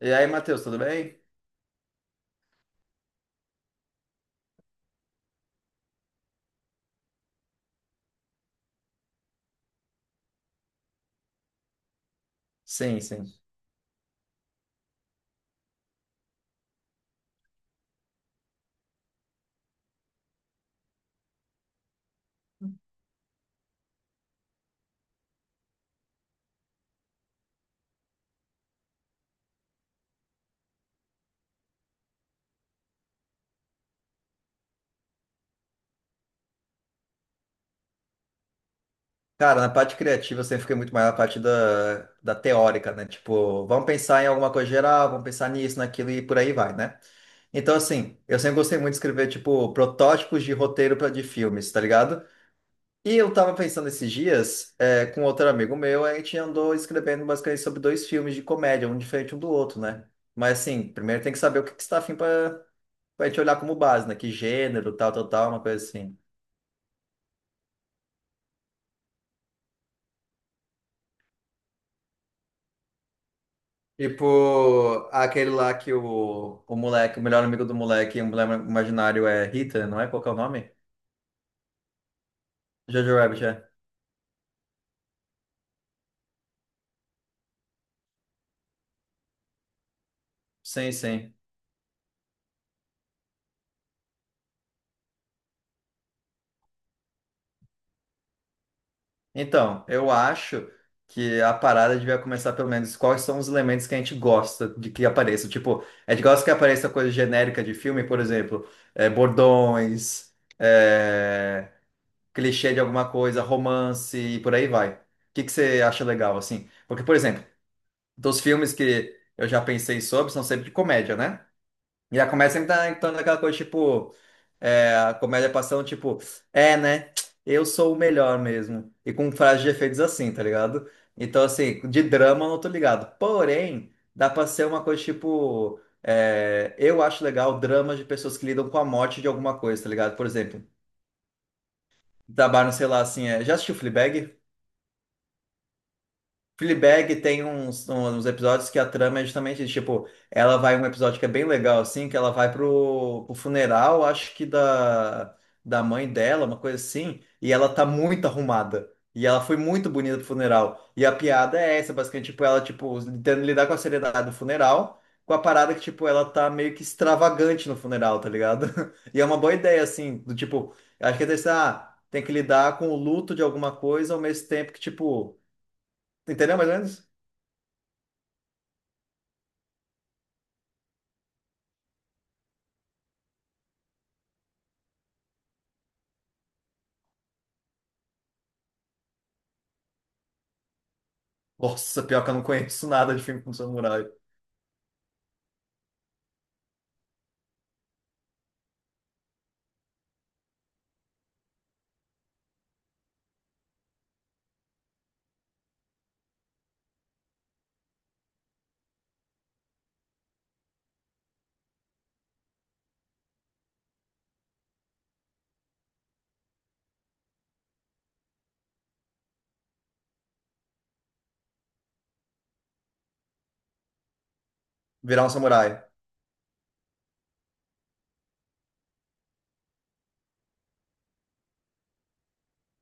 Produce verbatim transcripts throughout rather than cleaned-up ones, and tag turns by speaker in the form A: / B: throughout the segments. A: E aí, Matheus, tudo bem? Sim, sim. Cara, na parte criativa eu sempre fiquei muito mais na parte da, da teórica, né? Tipo, vamos pensar em alguma coisa geral, vamos pensar nisso, naquilo e por aí vai, né? Então, assim, eu sempre gostei muito de escrever, tipo, protótipos de roteiro pra, de filmes, tá ligado? E eu tava pensando esses dias, é, com outro amigo meu, a gente andou escrevendo basicamente sobre dois filmes de comédia, um diferente um do outro, né? Mas, assim, primeiro tem que saber o que que você tá afim pra, pra gente olhar como base, né? Que gênero, tal, tal, tal, uma coisa assim. Tipo, aquele lá que o, o moleque, o melhor amigo do moleque, o moleque imaginário é Rita, não é? Qual que é o nome? Jojo Rabbit, é. Sim, sim. Então, eu acho que a parada devia começar pelo menos quais são os elementos que a gente gosta de que apareça. Tipo, a gente gosta que apareça coisa genérica de filme, por exemplo, é, bordões, é, clichê de alguma coisa, romance e por aí vai. O que que você acha legal, assim? Porque, por exemplo, dos filmes que eu já pensei sobre são sempre de comédia, né? E a comédia sempre tá então naquela coisa, tipo, é, a comédia passando, tipo, é, né? Eu sou o melhor mesmo. E com frases de efeitos assim, tá ligado? Então, assim, de drama eu não tô ligado. Porém, dá pra ser uma coisa tipo. É, eu acho legal dramas de pessoas que lidam com a morte de alguma coisa, tá ligado? Por exemplo, trabalham, sei lá, assim. É, já assistiu Fleabag? Fleabag tem uns, uns episódios que a trama é justamente isso, tipo, ela vai um episódio que é bem legal, assim, que ela vai pro, pro funeral, acho que da, da mãe dela, uma coisa assim, e ela tá muito arrumada. E ela foi muito bonita pro funeral. E a piada é essa, basicamente, tipo, ela, tipo, tentando lidar com a seriedade do funeral, com a parada que, tipo, ela tá meio que extravagante no funeral, tá ligado? E é uma boa ideia, assim, do tipo, acho que é desse, ah, tem que lidar com o luto de alguma coisa ao mesmo tempo que, tipo, entendeu mais ou menos? Nossa, pior que eu não conheço nada de filme com samurai. Virar um samurai.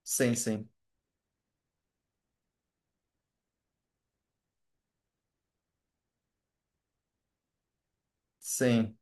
A: Sim, sim. Sim.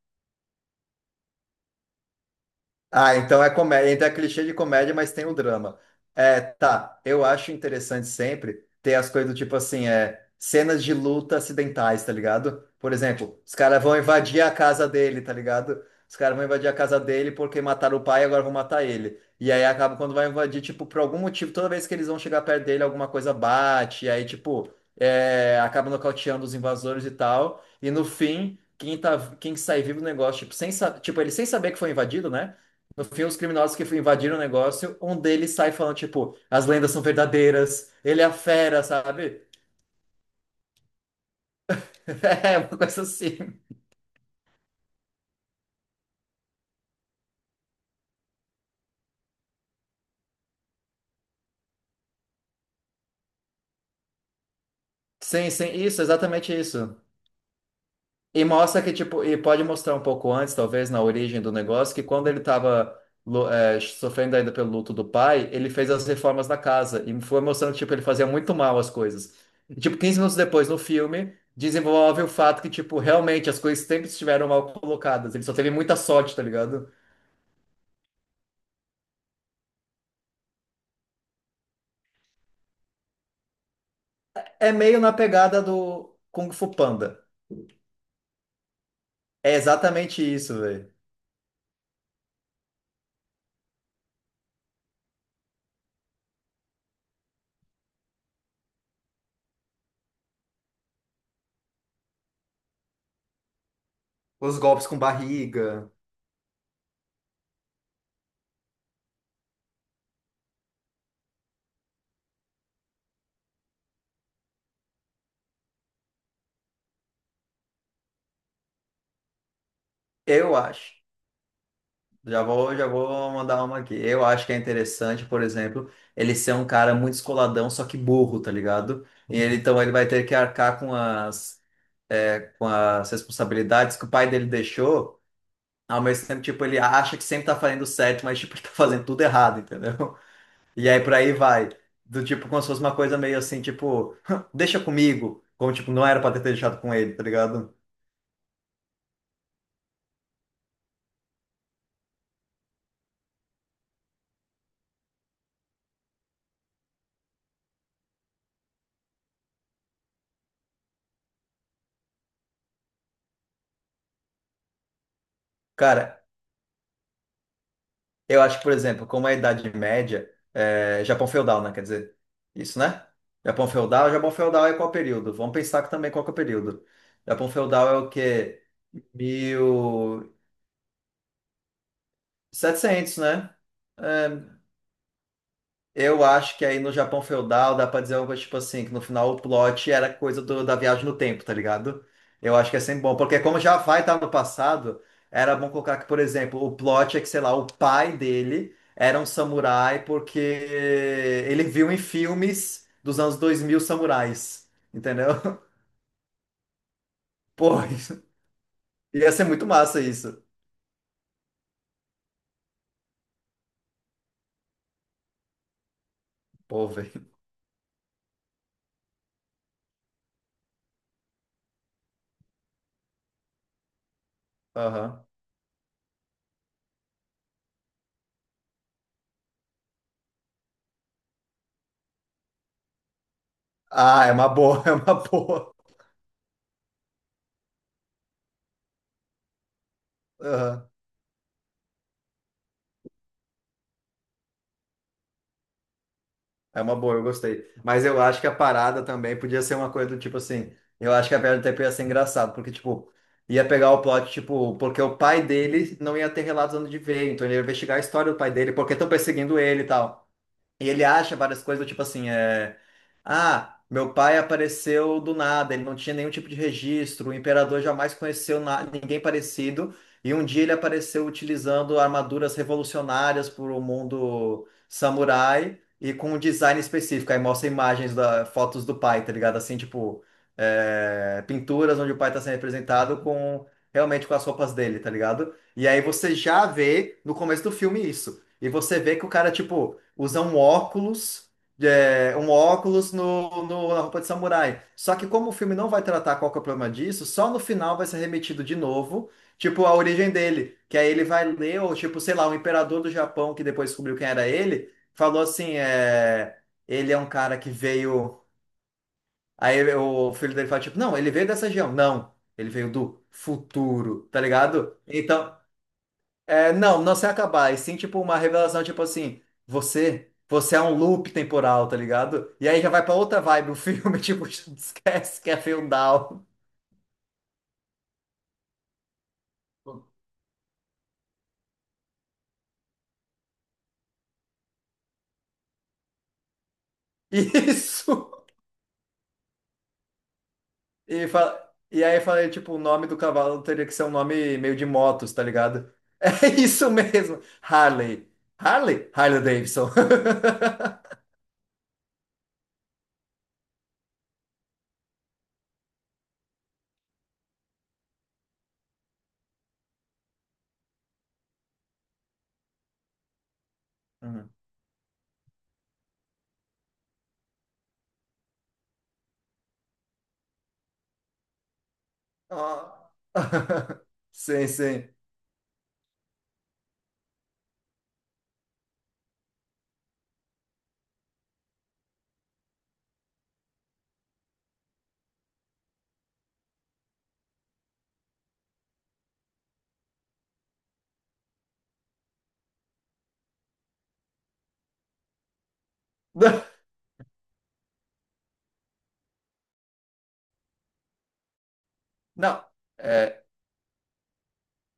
A: Ah, então é comédia, então é clichê de comédia, mas tem o drama. É, tá, eu acho interessante sempre ter as coisas do tipo assim, é, cenas de luta acidentais, tá ligado? Por exemplo, os caras vão invadir a casa dele, tá ligado? Os caras vão invadir a casa dele porque mataram o pai e agora vão matar ele. E aí acaba quando vai invadir, tipo, por algum motivo, toda vez que eles vão chegar perto dele, alguma coisa bate, e aí, tipo, é, acaba nocauteando os invasores e tal. E no fim, quem tá, quem sai vivo do negócio, tipo, sem, sa- tipo, ele sem saber que foi invadido, né? No fim, os criminosos que invadiram o negócio, um deles sai falando, tipo, as lendas são verdadeiras, ele é a fera, sabe? É, uma coisa assim. Sim, sim, isso, exatamente isso. E mostra que, tipo, e pode mostrar um pouco antes, talvez, na origem do negócio, que quando ele tava, lu- é, sofrendo ainda pelo luto do pai, ele fez as reformas da casa e foi mostrando, tipo, ele fazia muito mal as coisas. E, tipo, quinze minutos depois, no filme, desenvolve o fato que, tipo, realmente as coisas sempre estiveram mal colocadas. Ele só teve muita sorte, tá ligado? É meio na pegada do Kung Fu Panda. É exatamente isso, velho. Os golpes com barriga. Eu acho. Já vou, já vou mandar uma aqui. Eu acho que é interessante, por exemplo, ele ser um cara muito escoladão, só que burro, tá ligado? E ele, então ele vai ter que arcar com as, é, com as responsabilidades que o pai dele deixou. Ao mesmo tempo, tipo, ele acha que sempre tá fazendo certo, mas tipo, ele tá fazendo tudo errado, entendeu? E aí por aí vai. Do tipo, como se fosse uma coisa meio assim, tipo, deixa comigo. Como, tipo, não era pra ter deixado com ele, tá ligado? Cara, eu acho que, por exemplo, como a Idade Média, é, Japão feudal, né? Quer dizer, isso, né? Japão feudal, Japão feudal é qual período? Vamos pensar que também qual que é o período. Japão feudal é o quê? Mil e setecentos, né? É, Eu acho que aí no Japão feudal dá pra dizer algo tipo assim, que no final o plot era coisa do- da viagem no tempo, tá ligado? Eu acho que é sempre bom, porque como já vai estar no passado, era bom colocar que, por exemplo, o plot é que, sei lá, o pai dele era um samurai porque ele viu em filmes dos anos dois mil samurais, entendeu? Pô, isso- Ia ser muito massa isso. Pô, velho. Aham. Ah, é uma boa, é uma boa. Aham. É uma boa, eu gostei. Mas eu acho que a parada também podia ser uma coisa do tipo assim. Eu acho que a piada do tempo ia ser engraçado, porque, tipo, ia pegar o plot, tipo, porque o pai dele não ia ter relatos onde de ver, então ele ia investigar a história do pai dele, porque estão perseguindo ele e tal. E ele acha várias coisas, do tipo assim, é... Ah, meu pai apareceu do nada, ele não tinha nenhum tipo de registro, o imperador jamais conheceu na- ninguém parecido, e um dia ele apareceu utilizando armaduras revolucionárias para o mundo samurai e com um design específico. Aí mostra imagens, da... fotos do pai, tá ligado? Assim, tipo, é, pinturas onde o pai está sendo representado com... Realmente com as roupas dele, tá ligado? E aí você já vê no começo do filme isso. E você vê que o cara, tipo usam um óculos, é, um óculos no, no- na roupa de samurai. Só que como o filme não vai tratar qual que é o problema disso, só no final vai ser remetido de novo, tipo, a origem dele. Que aí ele vai ler, ou tipo, sei lá, o imperador do Japão, que depois descobriu quem era ele, falou assim, é, ele é um cara que veio... Aí o filho dele fala, tipo, não, ele veio dessa região. Não, ele veio do futuro, tá ligado? Então, é, não, não se acabar, e sim, tipo, uma revelação, tipo assim, você, você é um loop temporal, tá ligado? E aí já vai pra outra vibe o filme, tipo, esquece que é feudal. Isso! E, fa- e aí eu falei, tipo, o nome do cavalo teria que ser um nome meio de motos, tá ligado? É isso mesmo, Harley. Harley? Harley Davidson. Uhum. Ah. Sim, sim. Não, é,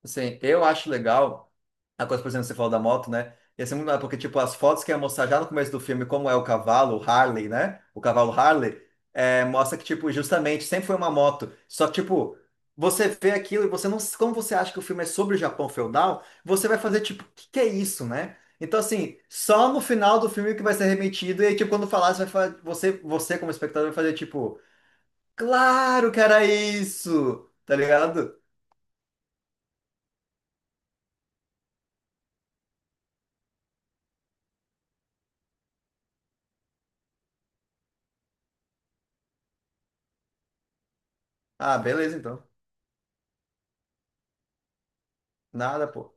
A: assim, eu acho legal a coisa, por exemplo, que você falou da moto, né? E assim, muito legal, porque, tipo, as fotos que ia mostrar já no começo do filme, como é o cavalo, o Harley, né? O cavalo Harley, é, mostra que, tipo, justamente, sempre foi uma moto. Só que, tipo, você vê aquilo e você não... Como você acha que o filme é sobre o Japão feudal, você vai fazer, tipo, o que que é isso, né? Então, assim, só no final do filme que vai ser remetido e, aí, tipo, quando falar, você vai fa- você, você, como espectador, vai fazer, tipo, claro que era isso! Tá ligado? Ah, beleza, então. Nada, pô.